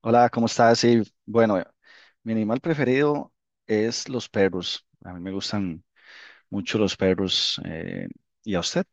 Hola, ¿cómo estás? Sí, bueno, mi animal preferido es los perros. A mí me gustan mucho los perros. ¿Y a usted?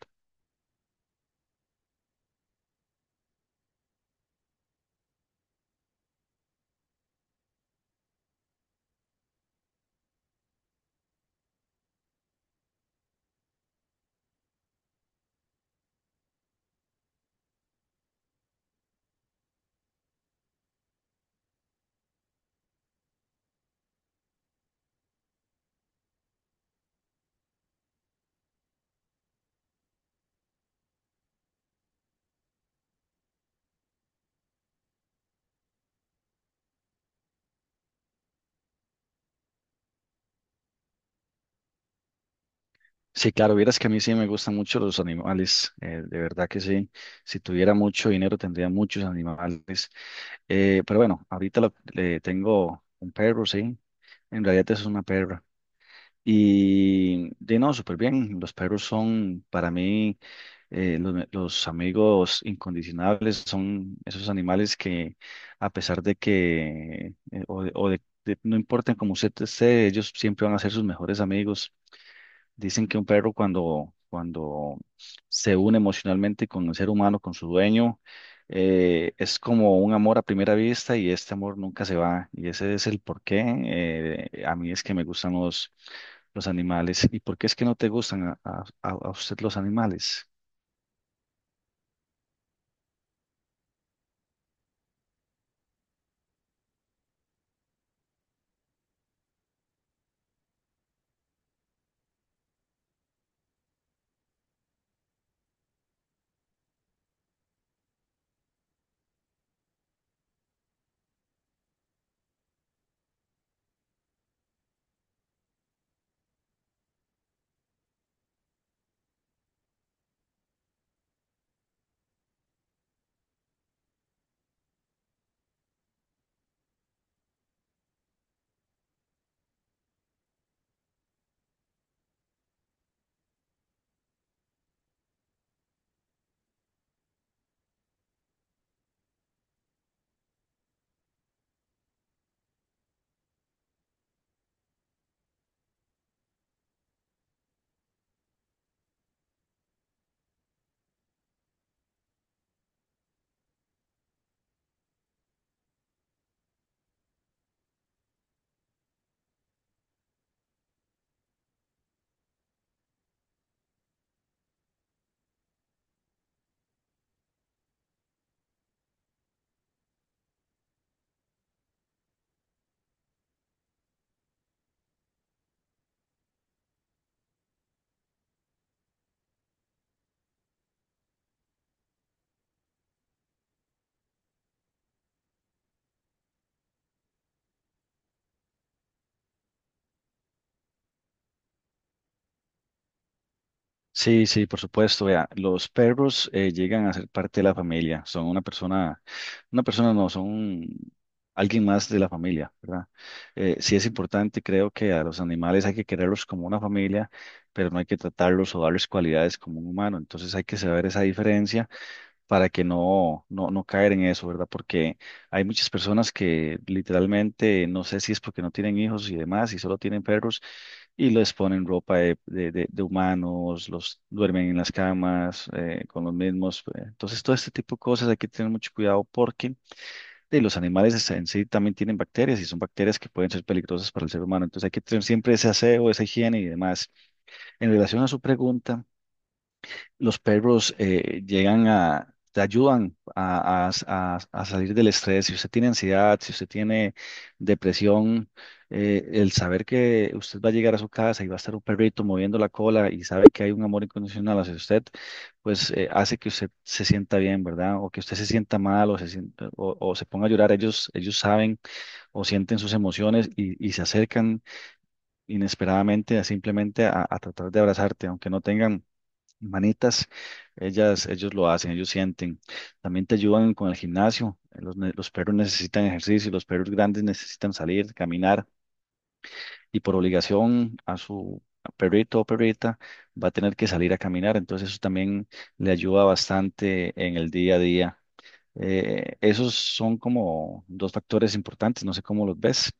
Sí, claro, vieras que a mí sí me gustan mucho los animales. De verdad que sí. Si tuviera mucho dinero tendría muchos animales. Pero bueno, ahorita le tengo un perro, sí. En realidad es una perra. Y de no, súper bien. Los perros son para mí los amigos incondicionables, son esos animales que a pesar de que no importan cómo usted esté, ellos siempre van a ser sus mejores amigos. Dicen que un perro cuando se une emocionalmente con el ser humano, con su dueño, es como un amor a primera vista y este amor nunca se va. Y ese es el porqué. A mí es que me gustan los animales. ¿Y por qué es que no te gustan a usted los animales? Sí, sí, por supuesto. Vea, los perros llegan a ser parte de la familia. Son una persona no, son alguien más de la familia, ¿verdad? Sí es importante, creo que a los animales hay que quererlos como una familia, pero no hay que tratarlos o darles cualidades como un humano. Entonces hay que saber esa diferencia para que no caer en eso, ¿verdad? Porque hay muchas personas que literalmente, no sé si es porque no tienen hijos y demás, y solo tienen perros y les ponen ropa de humanos, los duermen en las camas con los mismos. Entonces, todo este tipo de cosas hay que tener mucho cuidado porque de los animales en sí también tienen bacterias y son bacterias que pueden ser peligrosas para el ser humano. Entonces, hay que tener siempre ese aseo, esa higiene y demás. En relación a su pregunta, los perros llegan a, te ayudan a salir del estrés. Si usted tiene ansiedad, si usted tiene depresión, el saber que usted va a llegar a su casa y va a estar un perrito moviendo la cola y sabe que hay un amor incondicional hacia usted, pues hace que usted se sienta bien, ¿verdad? O que usted se sienta mal, o se ponga a llorar. Ellos saben o sienten sus emociones y se acercan inesperadamente a simplemente a tratar de abrazarte, aunque no tengan manitas, ellas, ellos lo hacen, ellos sienten. También te ayudan con el gimnasio. Los perros necesitan ejercicio, los perros grandes necesitan salir, caminar y por obligación a su perrito o perrita va a tener que salir a caminar. Entonces eso también le ayuda bastante en el día a día. Esos son como dos factores importantes, no sé cómo los ves.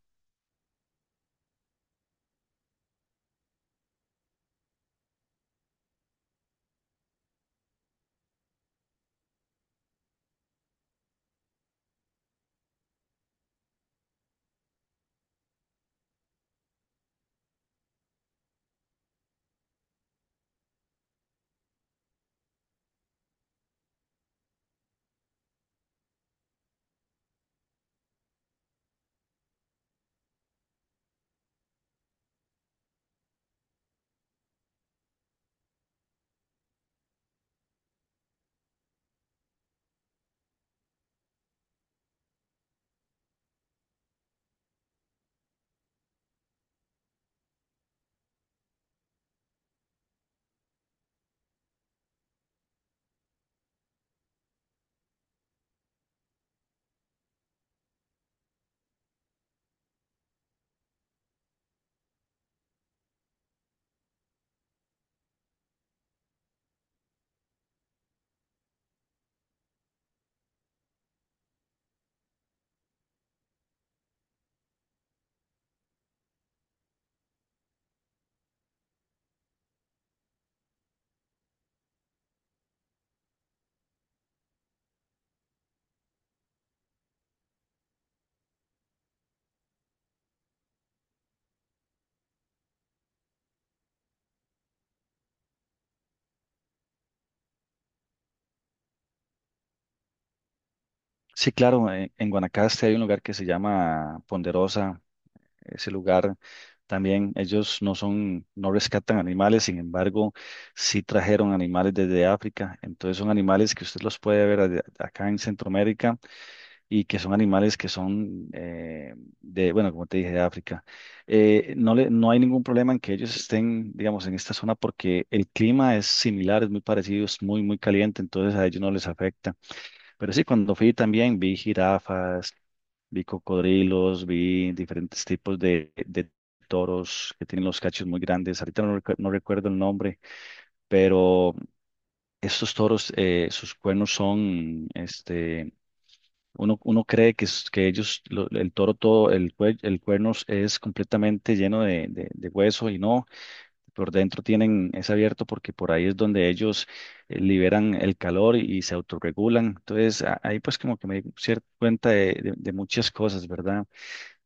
Sí, claro, en Guanacaste hay un lugar que se llama Ponderosa, ese lugar también. Ellos no son, no rescatan animales, sin embargo, sí trajeron animales desde África. Entonces son animales que usted los puede ver acá en Centroamérica y que son animales que son bueno, como te dije, de África. No hay ningún problema en que ellos estén, digamos, en esta zona porque el clima es similar, es muy parecido, es muy, muy caliente, entonces a ellos no les afecta. Pero sí, cuando fui también vi jirafas, vi cocodrilos, vi diferentes tipos de toros que tienen los cachos muy grandes. Ahorita no, no recuerdo el nombre, pero estos toros, sus cuernos son, este, uno cree que, que ellos, el toro todo, el cuerno es completamente lleno de, de hueso y no, por dentro tienen, es abierto porque por ahí es donde ellos liberan el calor y se autorregulan. Entonces, ahí pues como que me di cuenta de de muchas cosas, ¿verdad?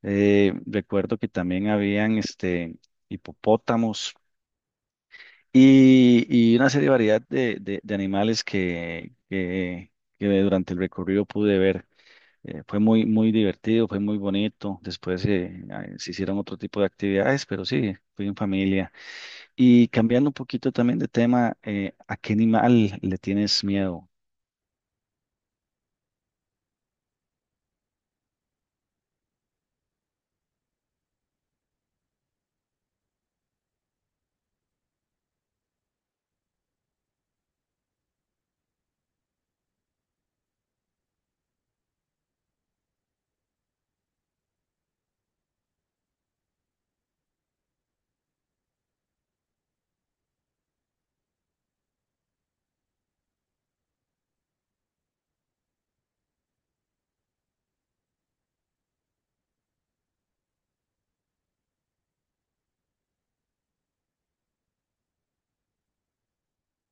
Recuerdo que también habían este, hipopótamos y una serie de variedad de, de animales que durante el recorrido pude ver. Fue muy, muy divertido, fue muy bonito. Después se hicieron otro tipo de actividades, pero sí, fui en familia. Y cambiando un poquito también de tema, ¿a qué animal le tienes miedo?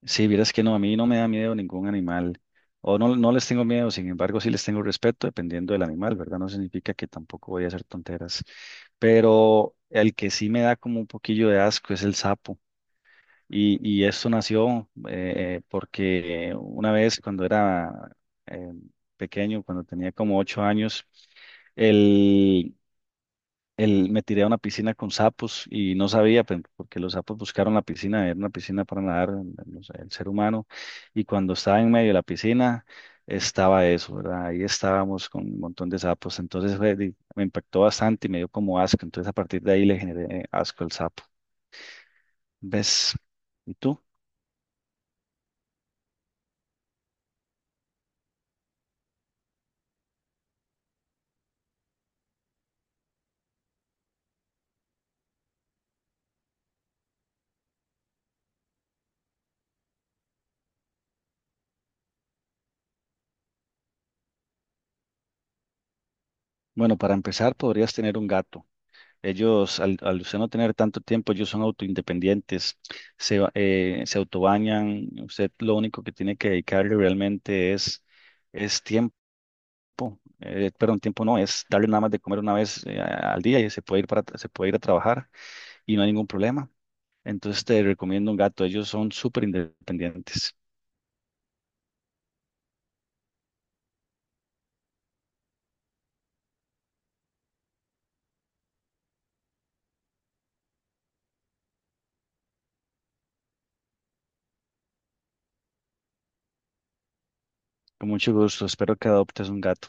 Sí, vieras que no, a mí no me da miedo ningún animal, o no, no les tengo miedo, sin embargo, sí les tengo respeto dependiendo del animal, ¿verdad? No significa que tampoco voy a hacer tonteras, pero el que sí me da como un poquillo de asco es el sapo, y esto nació porque una vez cuando era eh, pequeño, cuando tenía como 8 años, el, me tiré a una piscina con sapos y no sabía, porque los sapos buscaron la piscina, era una piscina para nadar, no sé, el ser humano, y cuando estaba en medio de la piscina, estaba eso, ¿verdad? Ahí estábamos con un montón de sapos, entonces fue me impactó bastante y me dio como asco, entonces a partir de ahí le generé asco al sapo. ¿Ves? ¿Y tú? Bueno, para empezar, podrías tener un gato. Ellos, al usted no tener tanto tiempo, ellos son autoindependientes, se autobañan, usted lo único que tiene que dedicarle realmente es tiempo, perdón, tiempo no, es darle nada más de comer una vez al día y se puede ir se puede ir a trabajar y no hay ningún problema. Entonces te recomiendo un gato, ellos son súper independientes. Con mucho gusto, espero que adoptes un gato.